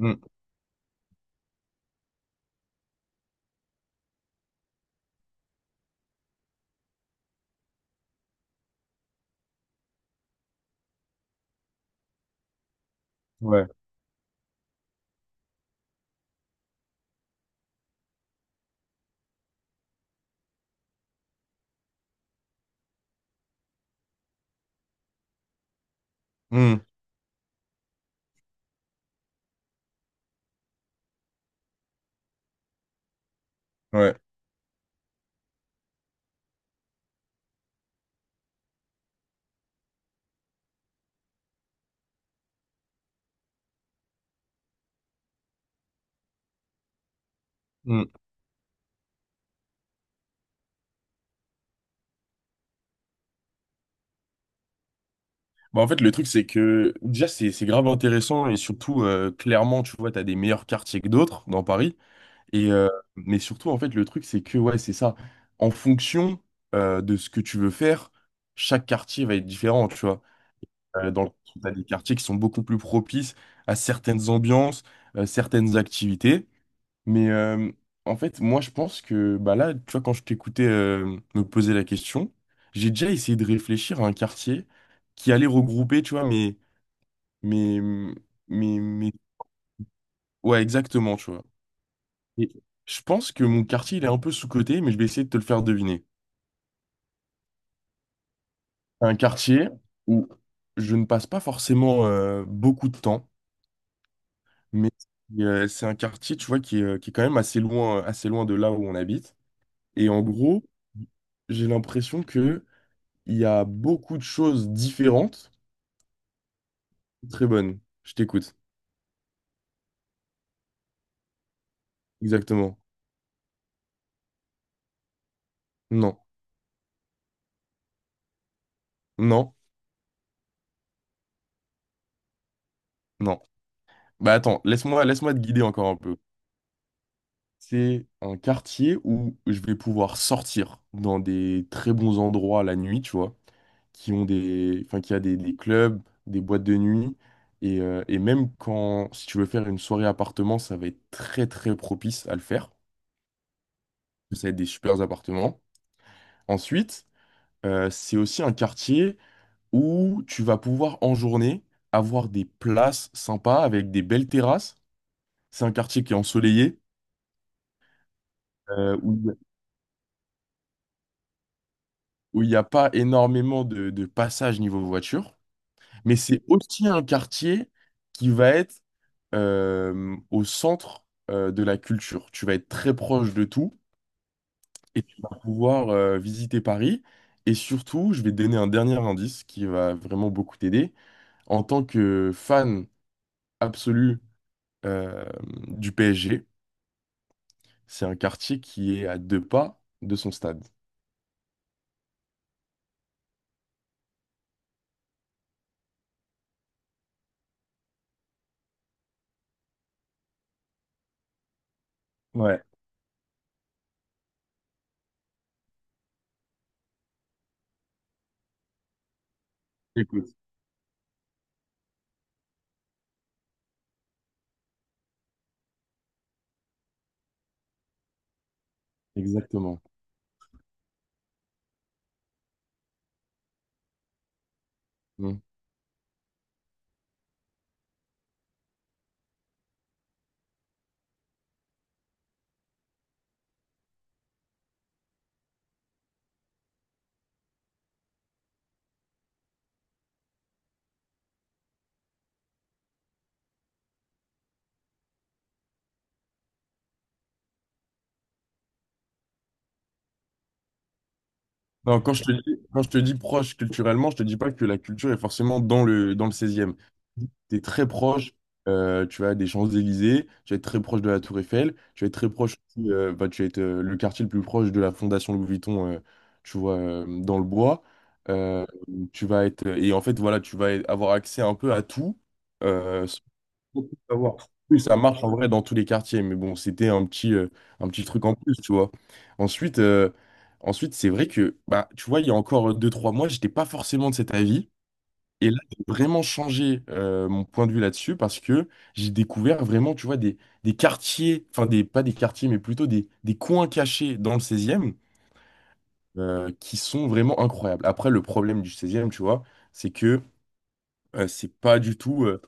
Mm. Ouais. Mm. Ouais. Mm. Bah, en fait, le truc, c'est que déjà, c'est grave intéressant et surtout, clairement, tu vois, tu as des meilleurs quartiers que d'autres dans Paris. Et, mais surtout, en fait, le truc, c'est que, ouais, c'est ça. En fonction de ce que tu veux faire, chaque quartier va être différent, tu vois. Tu as des quartiers qui sont beaucoup plus propices à certaines ambiances, certaines activités. Mais euh, En fait, moi, je pense que bah là, tu vois, quand je t'écoutais me poser la question, j'ai déjà essayé de réfléchir à un quartier qui allait regrouper, tu vois, mes, mes, mes- Ouais, exactement, tu vois. Et je pense que mon quartier, il est un peu sous-coté, mais je vais essayer de te le faire deviner. Un quartier où je ne passe pas forcément beaucoup de temps, mais c'est un quartier, tu vois, qui est quand même assez loin de là où on habite. Et en gros, j'ai l'impression que Il y a beaucoup de choses différentes. Très bonne. Je t'écoute. Exactement. Non. Non. Non. Bah attends, laisse-moi te guider encore un peu. C'est un quartier où je vais pouvoir sortir dans des très bons endroits la nuit, tu vois, qui ont des, enfin, qui a des clubs, des boîtes de nuit. Et même quand, si tu veux faire une soirée appartement, ça va être très très propice à le faire. Ça va être des super appartements. Ensuite, c'est aussi un quartier où tu vas pouvoir en journée avoir des places sympas avec des belles terrasses. C'est un quartier qui est ensoleillé, euh, où il y a- où il n'y a pas énormément de passages niveau voiture. Mais c'est aussi un quartier qui va être au centre de la culture. Tu vas être très proche de tout et tu vas pouvoir visiter Paris. Et surtout, je vais te donner un dernier indice qui va vraiment beaucoup t'aider. En tant que fan absolu euh, du PSG, c'est un quartier qui est à deux pas de son stade. Ouais, écoute, exactement. Mm. Non, quand je te dis proche culturellement, je te dis pas que la culture est forcément dans le 16e. E Tu es très proche, tu as des Champs-Élysées, tu vas être très proche de la Tour Eiffel, tu vas être très proche aussi, bah, tu vas être le quartier le plus proche de la Fondation Louis Vuitton, tu vois, dans le bois. Euh, et en fait, voilà, tu vas avoir accès un peu à tout, euh, beaucoup à voir. Oui, ça marche en vrai dans tous les quartiers, mais bon, c'était un petit truc en plus, tu vois. Ensuite, euh, Ensuite c'est vrai que, bah, tu vois, il y a encore deux trois mois, j'étais pas forcément de cet avis. Et là, j'ai vraiment changé mon point de vue là-dessus parce que j'ai découvert vraiment, tu vois, des quartiers, enfin, des, pas des quartiers, mais plutôt des coins cachés dans le 16e qui sont vraiment incroyables. Après, le problème du 16e, tu vois, c'est que c'est pas du tout.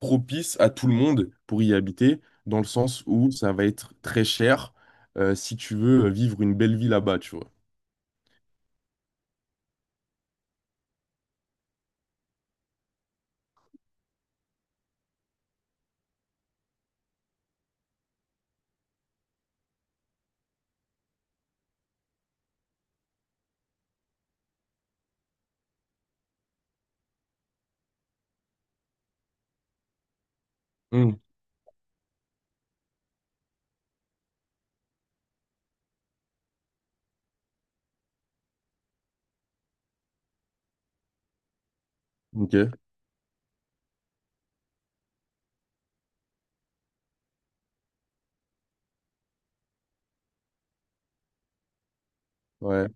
Propice à tout le monde pour y habiter, dans le sens où ça va être très cher si tu veux vivre une belle vie là-bas, tu vois. Hmm. Ok, ouais.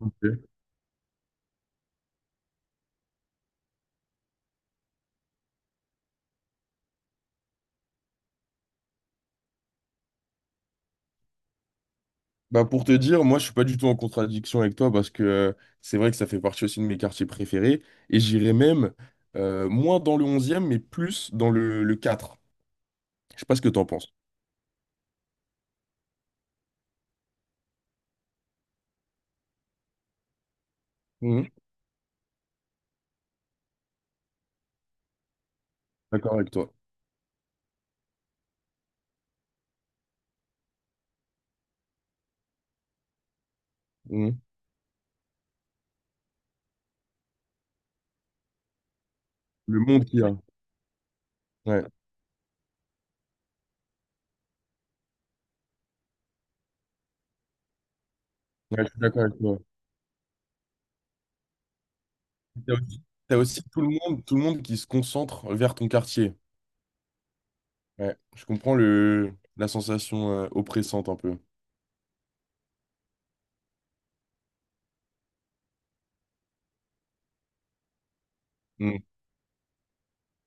Ok. Bah pour te dire, moi je suis pas du tout en contradiction avec toi parce que c'est vrai que ça fait partie aussi de mes quartiers préférés et j'irais même moins dans le 11e mais plus le 4e. Je sais pas ce que t'en penses. Mhm. D'accord avec toi. Mhm. Le monde qu'il y a. Ouais. Ouais, je suis d'accord avec toi. T'as aussi, t'as aussi tout le monde qui se concentre vers ton quartier. Ouais, je comprends la sensation oppressante un peu. Mm.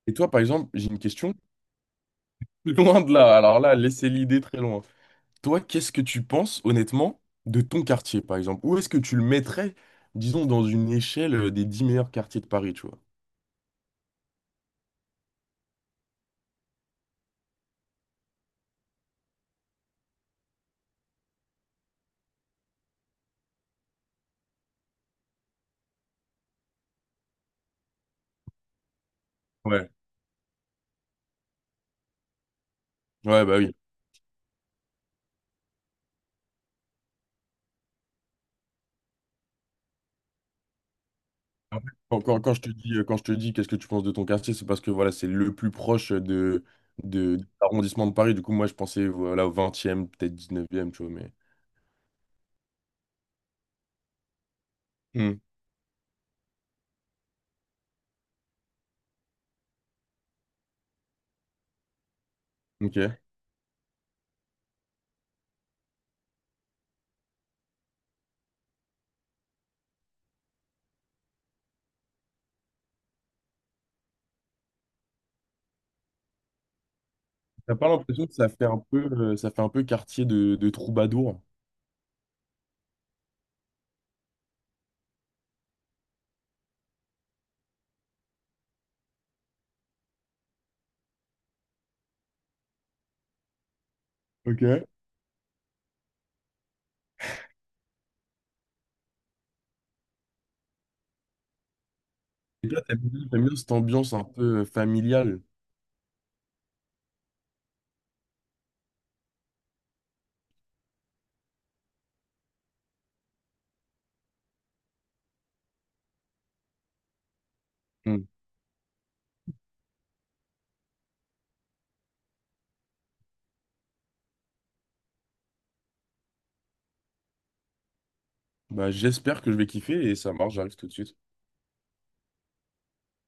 Et toi, par exemple, j'ai une question. Loin de là. Alors là, laissez l'idée très loin. Toi, qu'est-ce que tu penses, honnêtement, de ton quartier, par exemple? Où est-ce que tu le mettrais, disons, dans une échelle des 10 meilleurs quartiers de Paris, tu vois? Ouais. Ouais, bah oui. En fait, quand je te dis, quand je te dis qu'est-ce que tu penses de ton quartier, c'est parce que voilà, c'est le plus proche de, de l'arrondissement de Paris. Du coup, moi, je pensais voilà, au 20e peut-être 19e tu vois, mais... Mm. Ok. T'as pas l'impression que ça fait un peu, ça fait un peu quartier de troubadour. Ok. Et toi, t'aimes bien cette ambiance un peu familiale. Hmm. Bah, j'espère que je vais kiffer et ça marche, j'arrive tout de suite.